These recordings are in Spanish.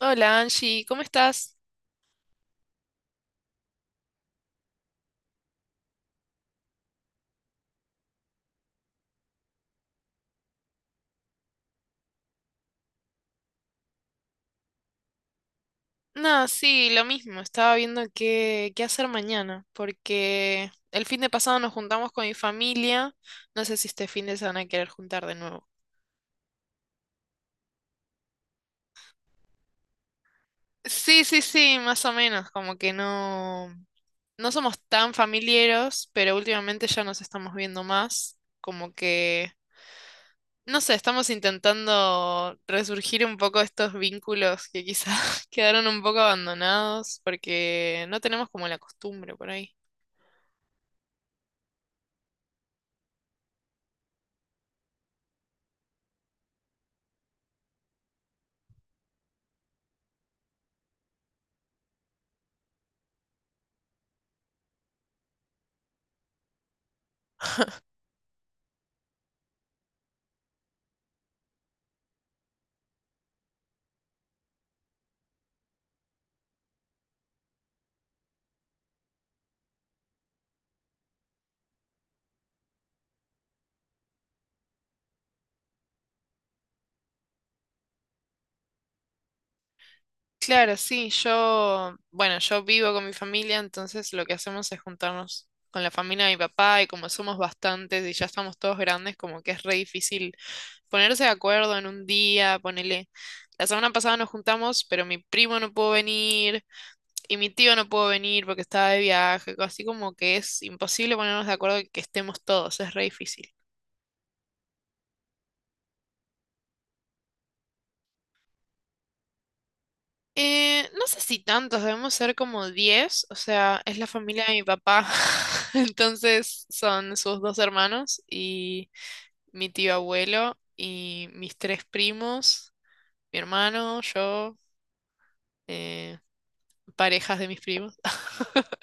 Hola Angie, ¿cómo estás? No, sí, lo mismo, estaba viendo qué hacer mañana, porque el fin de pasado nos juntamos con mi familia, no sé si este fin de se van a querer juntar de nuevo. Sí, sí, sí, más o menos, como que no, no somos tan familiares, pero últimamente ya nos estamos viendo más, como que, no sé, estamos intentando resurgir un poco estos vínculos que quizás quedaron un poco abandonados, porque no tenemos como la costumbre por ahí. Claro, sí, yo, bueno, yo vivo con mi familia, entonces lo que hacemos es juntarnos con la familia de mi papá y como somos bastantes y ya estamos todos grandes, como que es re difícil ponerse de acuerdo en un día, ponele. La semana pasada nos juntamos, pero mi primo no pudo venir y mi tío no pudo venir porque estaba de viaje, así como que es imposible ponernos de acuerdo que estemos todos, es re difícil. No sé si tantos, debemos ser como 10 o sea, es la familia de mi papá, entonces son sus dos hermanos y mi tío abuelo y mis tres primos, mi hermano, yo, eh, parejas de mis primos.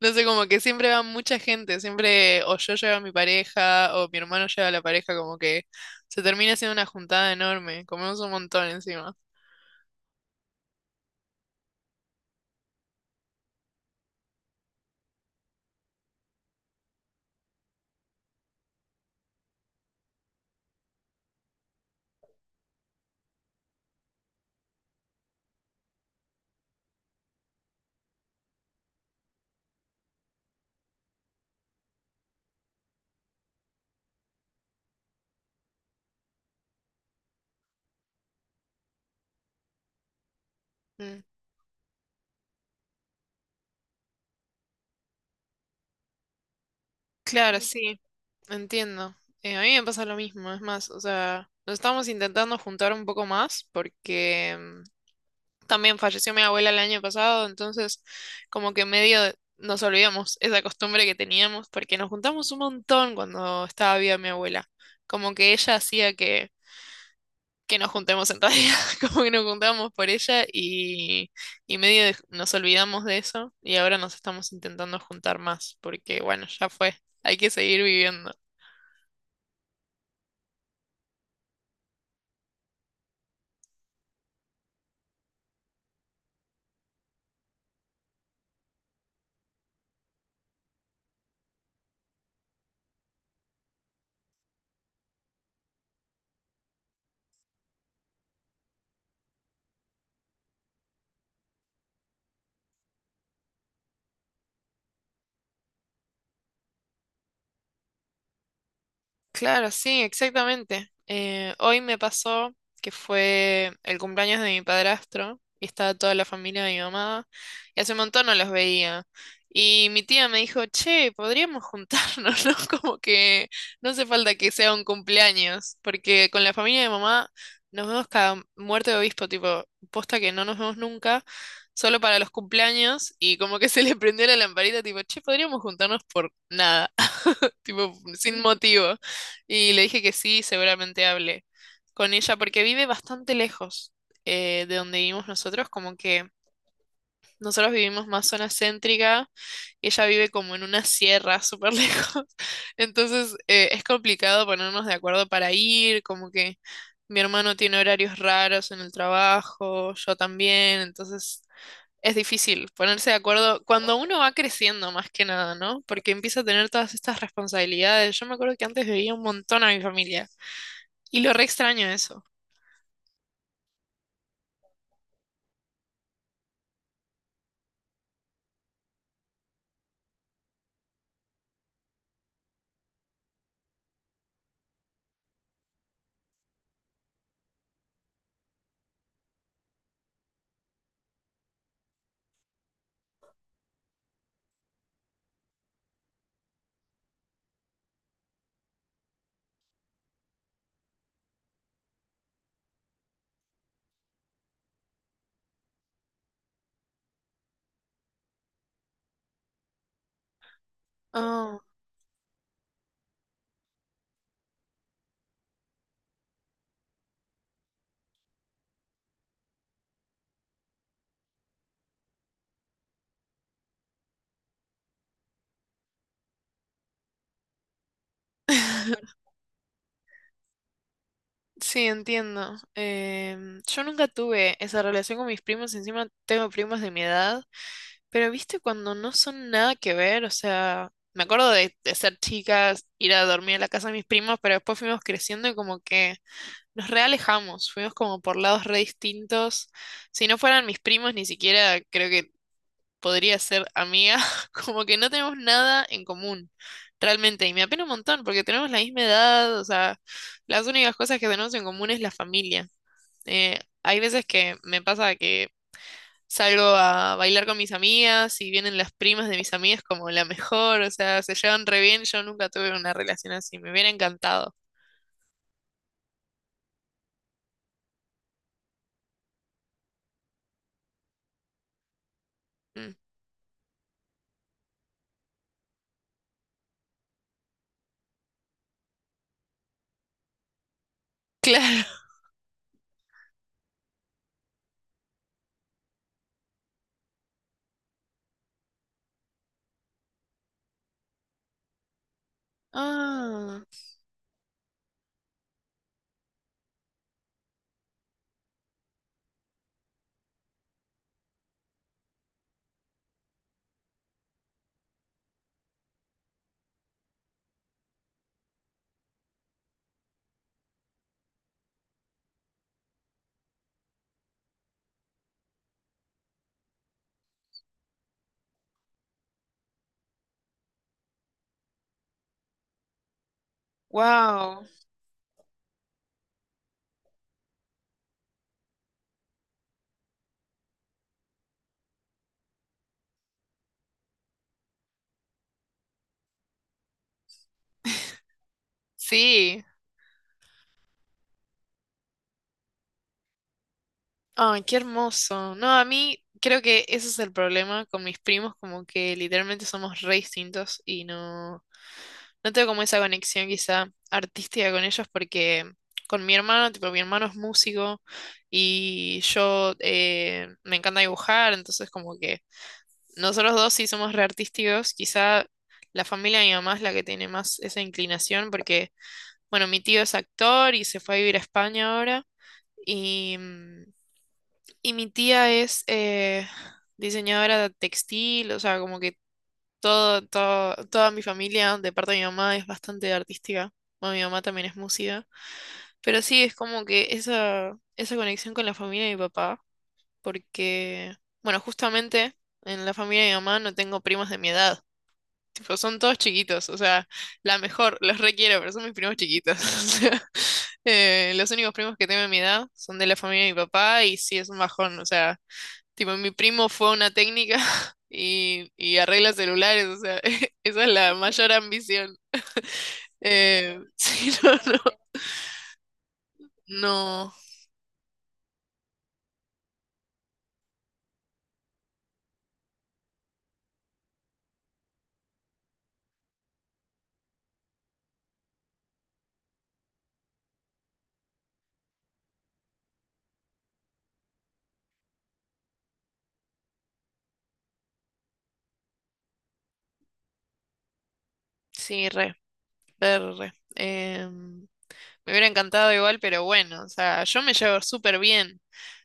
No sé, como que siempre va mucha gente, siempre o yo llevo a mi pareja o mi hermano lleva a la pareja, como que se termina siendo una juntada enorme, comemos un montón encima. Mm. Claro, sí, entiendo. A mí me pasa lo mismo, es más, o sea, nos estamos intentando juntar un poco más porque también falleció mi abuela el año pasado, entonces como que medio nos olvidamos esa costumbre que teníamos porque nos juntamos un montón cuando estaba viva mi abuela. Como que ella hacía que nos juntemos en realidad, como que nos juntábamos por ella y medio nos olvidamos de eso y ahora nos estamos intentando juntar más porque bueno, ya fue, hay que seguir viviendo. Claro, sí, exactamente. Hoy me pasó que fue el cumpleaños de mi padrastro y estaba toda la familia de mi mamá y hace un montón no los veía. Y mi tía me dijo, che, podríamos juntarnos, ¿no? Como que no hace falta que sea un cumpleaños, porque con la familia de mamá nos vemos cada muerte de obispo, tipo, posta que no nos vemos nunca, solo para los cumpleaños y como que se le prendió la lamparita, tipo, che, podríamos juntarnos por nada, tipo, sin motivo. Y le dije que sí, seguramente hablé con ella porque vive bastante lejos de donde vivimos nosotros, como que nosotros vivimos más zona céntrica y ella vive como en una sierra súper lejos. Entonces es complicado ponernos de acuerdo para ir, como que mi hermano tiene horarios raros en el trabajo, yo también, entonces es difícil ponerse de acuerdo cuando uno va creciendo más que nada, ¿no? Porque empieza a tener todas estas responsabilidades. Yo me acuerdo que antes veía un montón a mi familia. Y lo re extraño eso. Oh. Sí, entiendo. Yo nunca tuve esa relación con mis primos, encima tengo primos de mi edad, pero viste cuando no son nada que ver, o sea, me acuerdo de ser chicas, ir a dormir a la casa de mis primos, pero después fuimos creciendo y como que nos realejamos, fuimos como por lados re distintos. Si no fueran mis primos, ni siquiera creo que podría ser amiga, como que no tenemos nada en común, realmente. Y me apena un montón porque tenemos la misma edad, o sea, las únicas cosas que tenemos en común es la familia. Hay veces que me pasa que salgo a bailar con mis amigas y vienen las primas de mis amigas como la mejor, o sea, se llevan re bien. Yo nunca tuve una relación así, me hubiera encantado. Mm. Claro. Ah, wow. Sí. Ay, qué hermoso. No, a mí creo que ese es el problema con mis primos, como que literalmente somos re distintos y no, no tengo como esa conexión quizá artística con ellos porque con mi hermano, tipo, mi hermano es músico y yo me encanta dibujar, entonces como que nosotros dos sí somos re artísticos, quizá la familia de mi mamá es la que tiene más esa inclinación porque, bueno, mi tío es actor y se fue a vivir a España ahora. Y, y mi tía es diseñadora textil, o sea, como que toda mi familia de parte de mi mamá es bastante artística. Bueno, mi mamá también es música. Pero sí, es como que esa conexión con la familia de mi papá, porque, bueno, justamente en la familia de mi mamá no tengo primos de mi edad. Tipo, son todos chiquitos, o sea, la mejor, los requiero, pero son mis primos chiquitos. O sea, los únicos primos que tengo de mi edad son de la familia de mi papá y sí es un bajón, o sea. Tipo, mi primo fue a una técnica y arregla celulares, o sea, esa es la mayor ambición. Sí, no, no, no, sí, re, re, re. Me hubiera encantado igual, pero bueno, o sea, yo me llevo súper bien.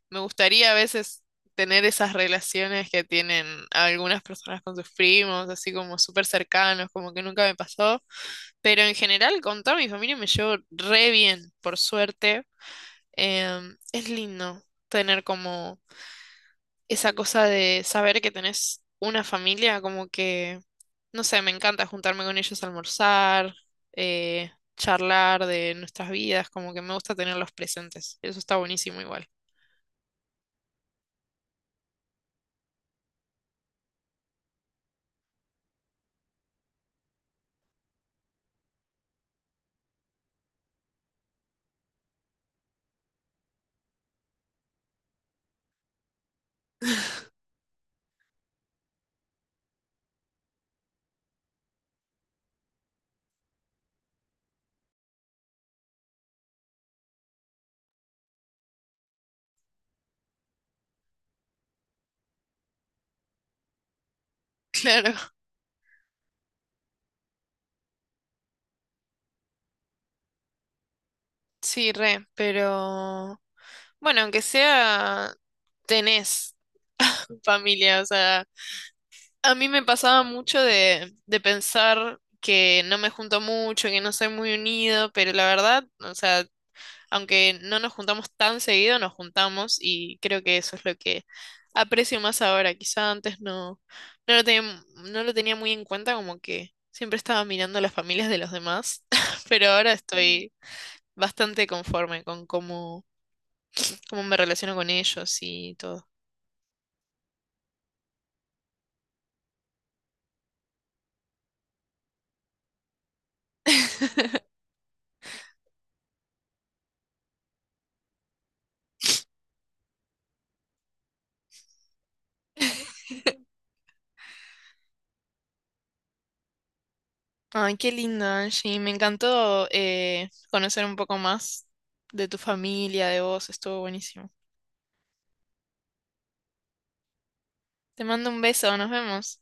Me gustaría a veces tener esas relaciones que tienen algunas personas con sus primos, así como súper cercanos, como que nunca me pasó. Pero en general, con toda mi familia me llevo re bien, por suerte. Es lindo tener como esa cosa de saber que tenés una familia, como que, no sé, me encanta juntarme con ellos a almorzar, eh, charlar de nuestras vidas, como que me gusta tenerlos presentes. Eso está buenísimo igual. Claro, sí, re, pero bueno, aunque sea, tenés familia, o sea, a mí me pasaba mucho de pensar que no me junto mucho, que no soy muy unido, pero la verdad, o sea, aunque no nos juntamos tan seguido, nos juntamos y creo que eso es lo que aprecio más ahora. Quizá antes no, no lo tenía, no lo tenía muy en cuenta, como que siempre estaba mirando las familias de los demás, pero ahora estoy bastante conforme con cómo me relaciono con ellos y todo. Ay, qué lindo, Angie. Me encantó conocer un poco más de tu familia, de vos. Estuvo buenísimo. Te mando un beso, nos vemos.